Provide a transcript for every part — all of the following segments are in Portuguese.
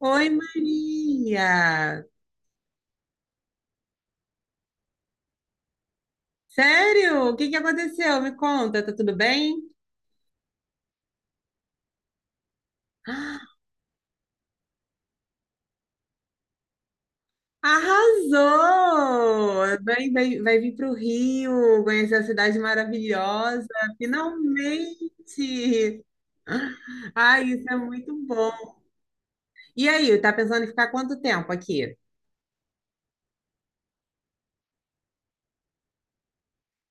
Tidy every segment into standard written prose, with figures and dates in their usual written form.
Oi, Maria! Sério? O que que aconteceu? Me conta, tá tudo bem? Ah, arrasou! Vai, vai, vai vir para o Rio, conhecer a cidade maravilhosa, finalmente! Ai, isso é muito bom! E aí, tá pensando em ficar quanto tempo aqui?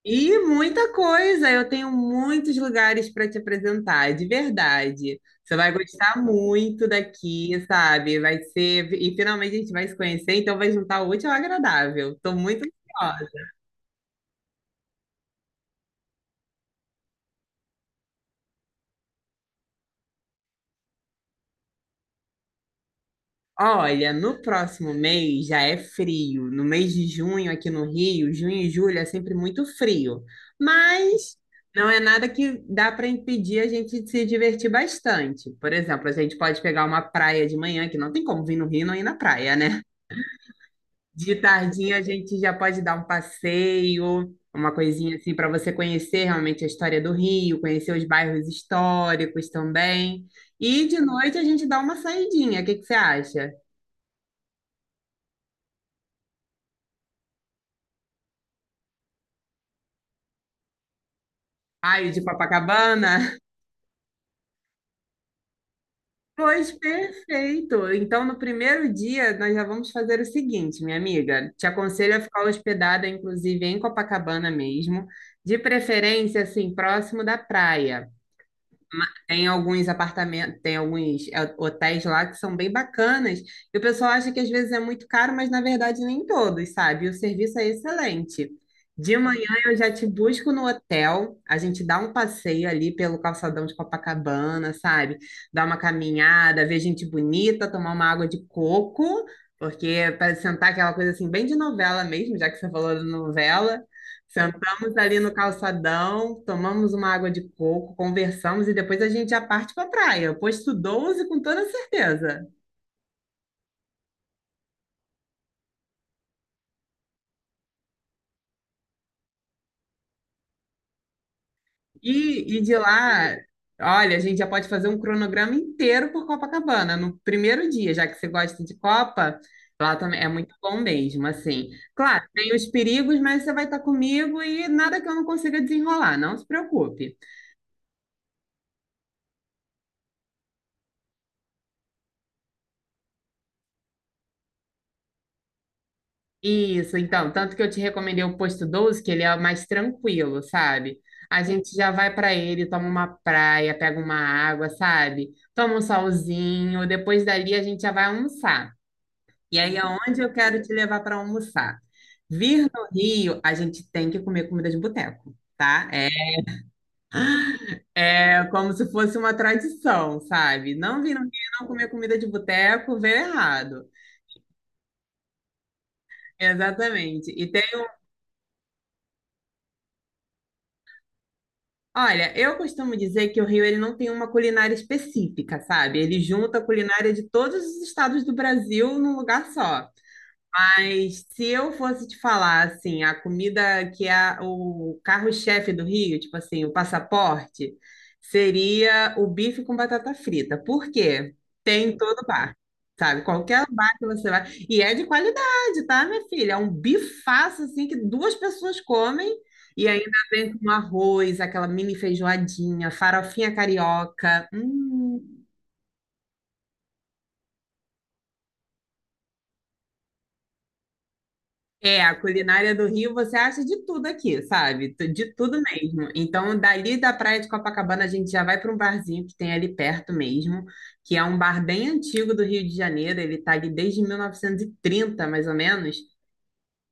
E muita coisa, eu tenho muitos lugares para te apresentar, de verdade. Você vai gostar muito daqui, sabe? Vai ser, e finalmente a gente vai se conhecer, então vai juntar o útil ao agradável. Estou muito ansiosa. Olha, no próximo mês já é frio. No mês de junho aqui no Rio, junho e julho é sempre muito frio. Mas não é nada que dá para impedir a gente de se divertir bastante. Por exemplo, a gente pode pegar uma praia de manhã, que não tem como vir no Rio e não ir na praia, né? De tardinha a gente já pode dar um passeio, uma coisinha assim para você conhecer realmente a história do Rio, conhecer os bairros históricos também. E de noite a gente dá uma saidinha. O que que você acha? Ai, de Copacabana? Pois perfeito. Então, no primeiro dia, nós já vamos fazer o seguinte, minha amiga. Te aconselho a ficar hospedada, inclusive, em Copacabana mesmo, de preferência, assim, próximo da praia. Tem alguns apartamentos, tem alguns hotéis lá que são bem bacanas, e o pessoal acha que às vezes é muito caro, mas na verdade nem todos, sabe? E o serviço é excelente. De manhã eu já te busco no hotel, a gente dá um passeio ali pelo calçadão de Copacabana, sabe? Dá uma caminhada, ver gente bonita, tomar uma água de coco, porque para sentar aquela coisa assim, bem de novela mesmo, já que você falou de novela. Ficamos ali no calçadão, tomamos uma água de coco, conversamos e depois a gente já parte para a praia. Posto doze, com toda certeza. E de lá, olha, a gente já pode fazer um cronograma inteiro por Copacabana no primeiro dia, já que você gosta de Copa, lá também é muito bom mesmo, assim. Claro, tem os perigos, mas você vai estar comigo e nada que eu não consiga desenrolar, não se preocupe. Isso, então, tanto que eu te recomendei o posto doze, que ele é mais tranquilo, sabe? A gente já vai para ele, toma uma praia, pega uma água, sabe? Toma um solzinho, depois dali a gente já vai almoçar. E aí é onde eu quero te levar para almoçar. Vir no Rio, a gente tem que comer comida de boteco, tá? É, é como se fosse uma tradição, sabe? Não vir no Rio e não comer comida de boteco, veio errado. Exatamente. E olha, eu costumo dizer que o Rio ele não tem uma culinária específica, sabe? Ele junta a culinária de todos os estados do Brasil num lugar só. Mas se eu fosse te falar, assim, a comida que é o carro-chefe do Rio, tipo assim, o passaporte, seria o bife com batata frita. Por quê? Tem em todo bar, sabe? Qualquer bar que você vai. E é de qualidade, tá, minha filha? É um bifaço, assim, que duas pessoas comem e ainda vem com arroz, aquela mini feijoadinha, farofinha carioca. Hum. É, a culinária do Rio você acha de tudo aqui, sabe? De tudo mesmo. Então, dali da Praia de Copacabana, a gente já vai para um barzinho que tem ali perto mesmo, que é um bar bem antigo do Rio de Janeiro. Ele está ali desde 1930, mais ou menos.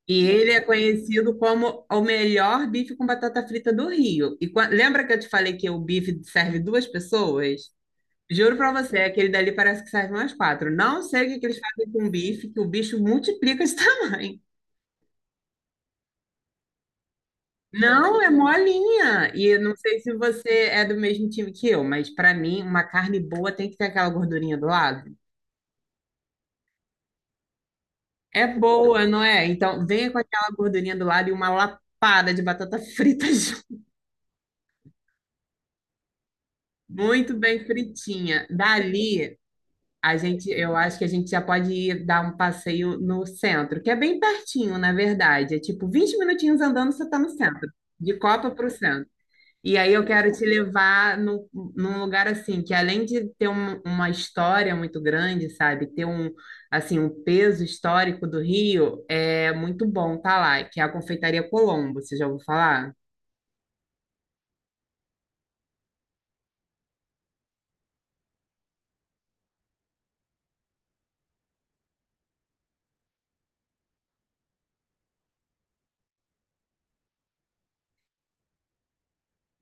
E ele é conhecido como o melhor bife com batata frita do Rio. E lembra que eu te falei que o bife serve duas pessoas? Juro para você, aquele dali parece que serve umas quatro. Não sei o que que eles fazem com bife, que o bicho multiplica de tamanho. Não, é molinha. E eu não sei se você é do mesmo time que eu, mas pra mim, uma carne boa tem que ter aquela gordurinha do lado. É boa, não é? Então, venha com aquela gordurinha do lado e uma lapada de batata frita junto, muito bem fritinha. Dali, a gente, eu acho que a gente já pode ir dar um passeio no centro, que é bem pertinho, na verdade. É tipo 20 minutinhos andando, você está no centro. De Copa para o centro. E aí eu quero te levar no, num lugar assim, que além de ter uma história muito grande, sabe? Ter um, assim, um peso histórico do Rio, é muito bom tá lá, que é a Confeitaria Colombo, você já ouviu falar?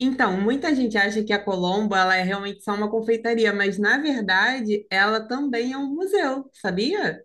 Então, muita gente acha que a Colombo, ela é realmente só uma confeitaria, mas na verdade, ela também é um museu, sabia?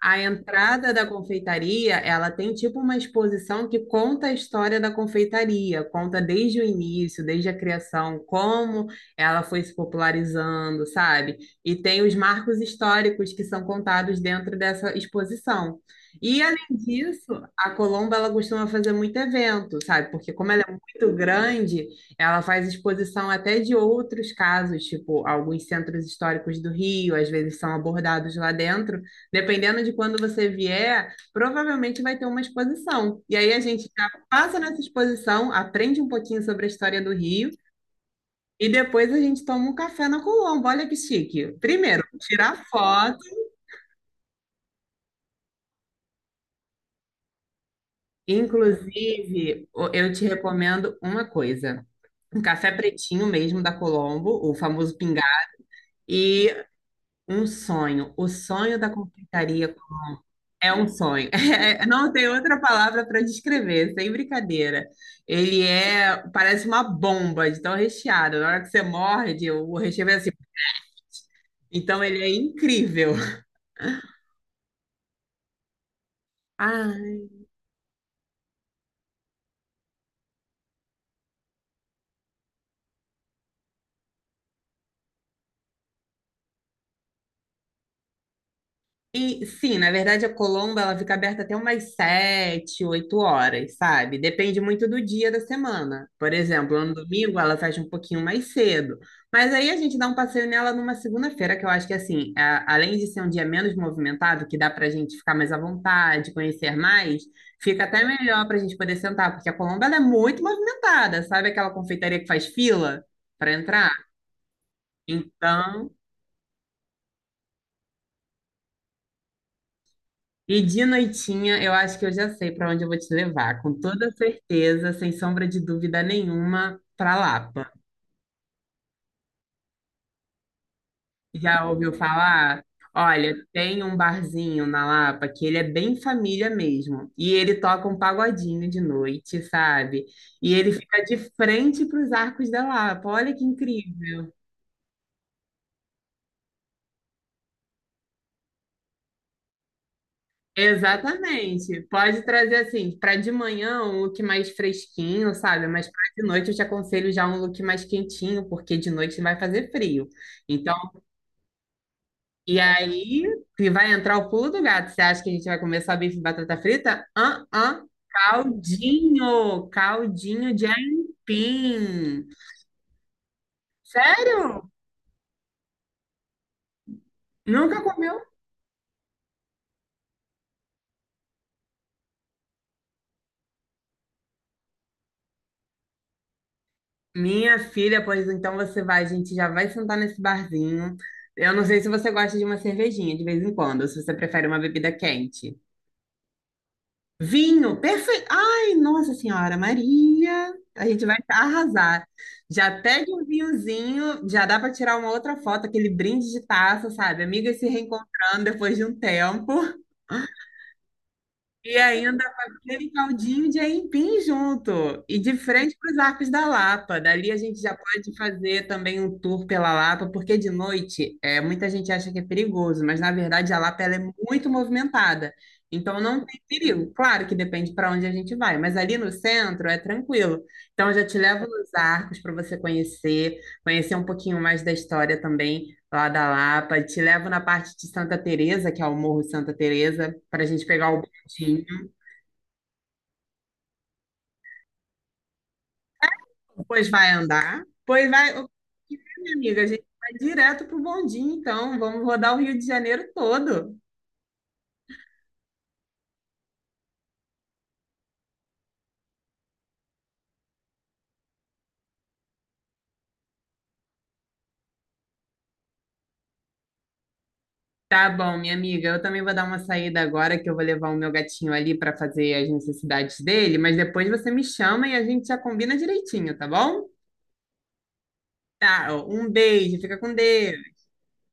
A entrada da confeitaria, ela tem tipo uma exposição que conta a história da confeitaria, conta desde o início, desde a criação, como ela foi se popularizando, sabe? E tem os marcos históricos que são contados dentro dessa exposição. E além disso, a Colombo ela costuma fazer muito evento, sabe? Porque como ela é muito grande, ela faz exposição até de outros casos, tipo alguns centros históricos do Rio, às vezes são abordados lá dentro. Dependendo de quando você vier, provavelmente vai ter uma exposição. E aí a gente já passa nessa exposição, aprende um pouquinho sobre a história do Rio e depois a gente toma um café na Colombo. Olha que chique. Primeiro, tirar foto. Inclusive, eu te recomendo uma coisa. Um café pretinho mesmo da Colombo, o famoso pingá, e um sonho, o sonho da confeitaria. É um sonho. Não tem outra palavra para descrever, sem brincadeira. Ele é, parece uma bomba de tão recheado. Na hora que você morde, o recheio é assim. Então ele é incrível. Ah, e sim, na verdade a Colomba ela fica aberta até umas sete, oito horas, sabe? Depende muito do dia da semana. Por exemplo, no domingo ela fecha um pouquinho mais cedo. Mas aí a gente dá um passeio nela numa segunda-feira, que eu acho que assim, além de ser um dia menos movimentado, que dá pra gente ficar mais à vontade, conhecer mais, fica até melhor pra gente poder sentar, porque a Colomba ela é muito movimentada, sabe? Aquela confeitaria que faz fila para entrar. Então, e de noitinha, eu acho que eu já sei para onde eu vou te levar, com toda certeza, sem sombra de dúvida nenhuma, para Lapa. Já ouviu falar? Olha, tem um barzinho na Lapa que ele é bem família mesmo, e ele toca um pagodinho de noite, sabe? E ele fica de frente para os Arcos da Lapa. Olha que incrível. Exatamente. Pode trazer assim, para de manhã um look mais fresquinho, sabe? Mas para de noite eu te aconselho já um look mais quentinho, porque de noite vai fazer frio. Então, e aí que vai entrar o pulo do gato. Você acha que a gente vai comer só bife e batata frita? Ah, ah, caldinho, caldinho de aipim. Sério? Nunca comeu? Minha filha, pois então você vai, a gente já vai sentar nesse barzinho. Eu não sei se você gosta de uma cervejinha de vez em quando, ou se você prefere uma bebida quente. Vinho, perfeito. Ai, Nossa Senhora Maria, a gente vai arrasar. Já pede um vinhozinho, já dá para tirar uma outra foto, aquele brinde de taça, sabe? Amigas se reencontrando depois de um tempo. E ainda com aquele caldinho de aipim junto. E de frente para os Arcos da Lapa. Dali a gente já pode fazer também um tour pela Lapa, porque de noite é, muita gente acha que é perigoso, mas na verdade a Lapa ela é muito movimentada. Então não tem perigo. Claro que depende para onde a gente vai, mas ali no centro é tranquilo. Então eu já te levo nos Arcos para você conhecer, conhecer um pouquinho mais da história também lá da Lapa. Te levo na parte de Santa Teresa, que é o Morro Santa Teresa, para a gente pegar o tinha. Pois vai andar. Pois vai. O que é, minha amiga, a gente vai direto pro bondinho, então. Vamos rodar o Rio de Janeiro todo. Tá bom, minha amiga. Eu também vou dar uma saída agora, que eu vou levar o meu gatinho ali para fazer as necessidades dele, mas depois você me chama e a gente já combina direitinho, tá bom? Tá, ó, um beijo, fica com Deus.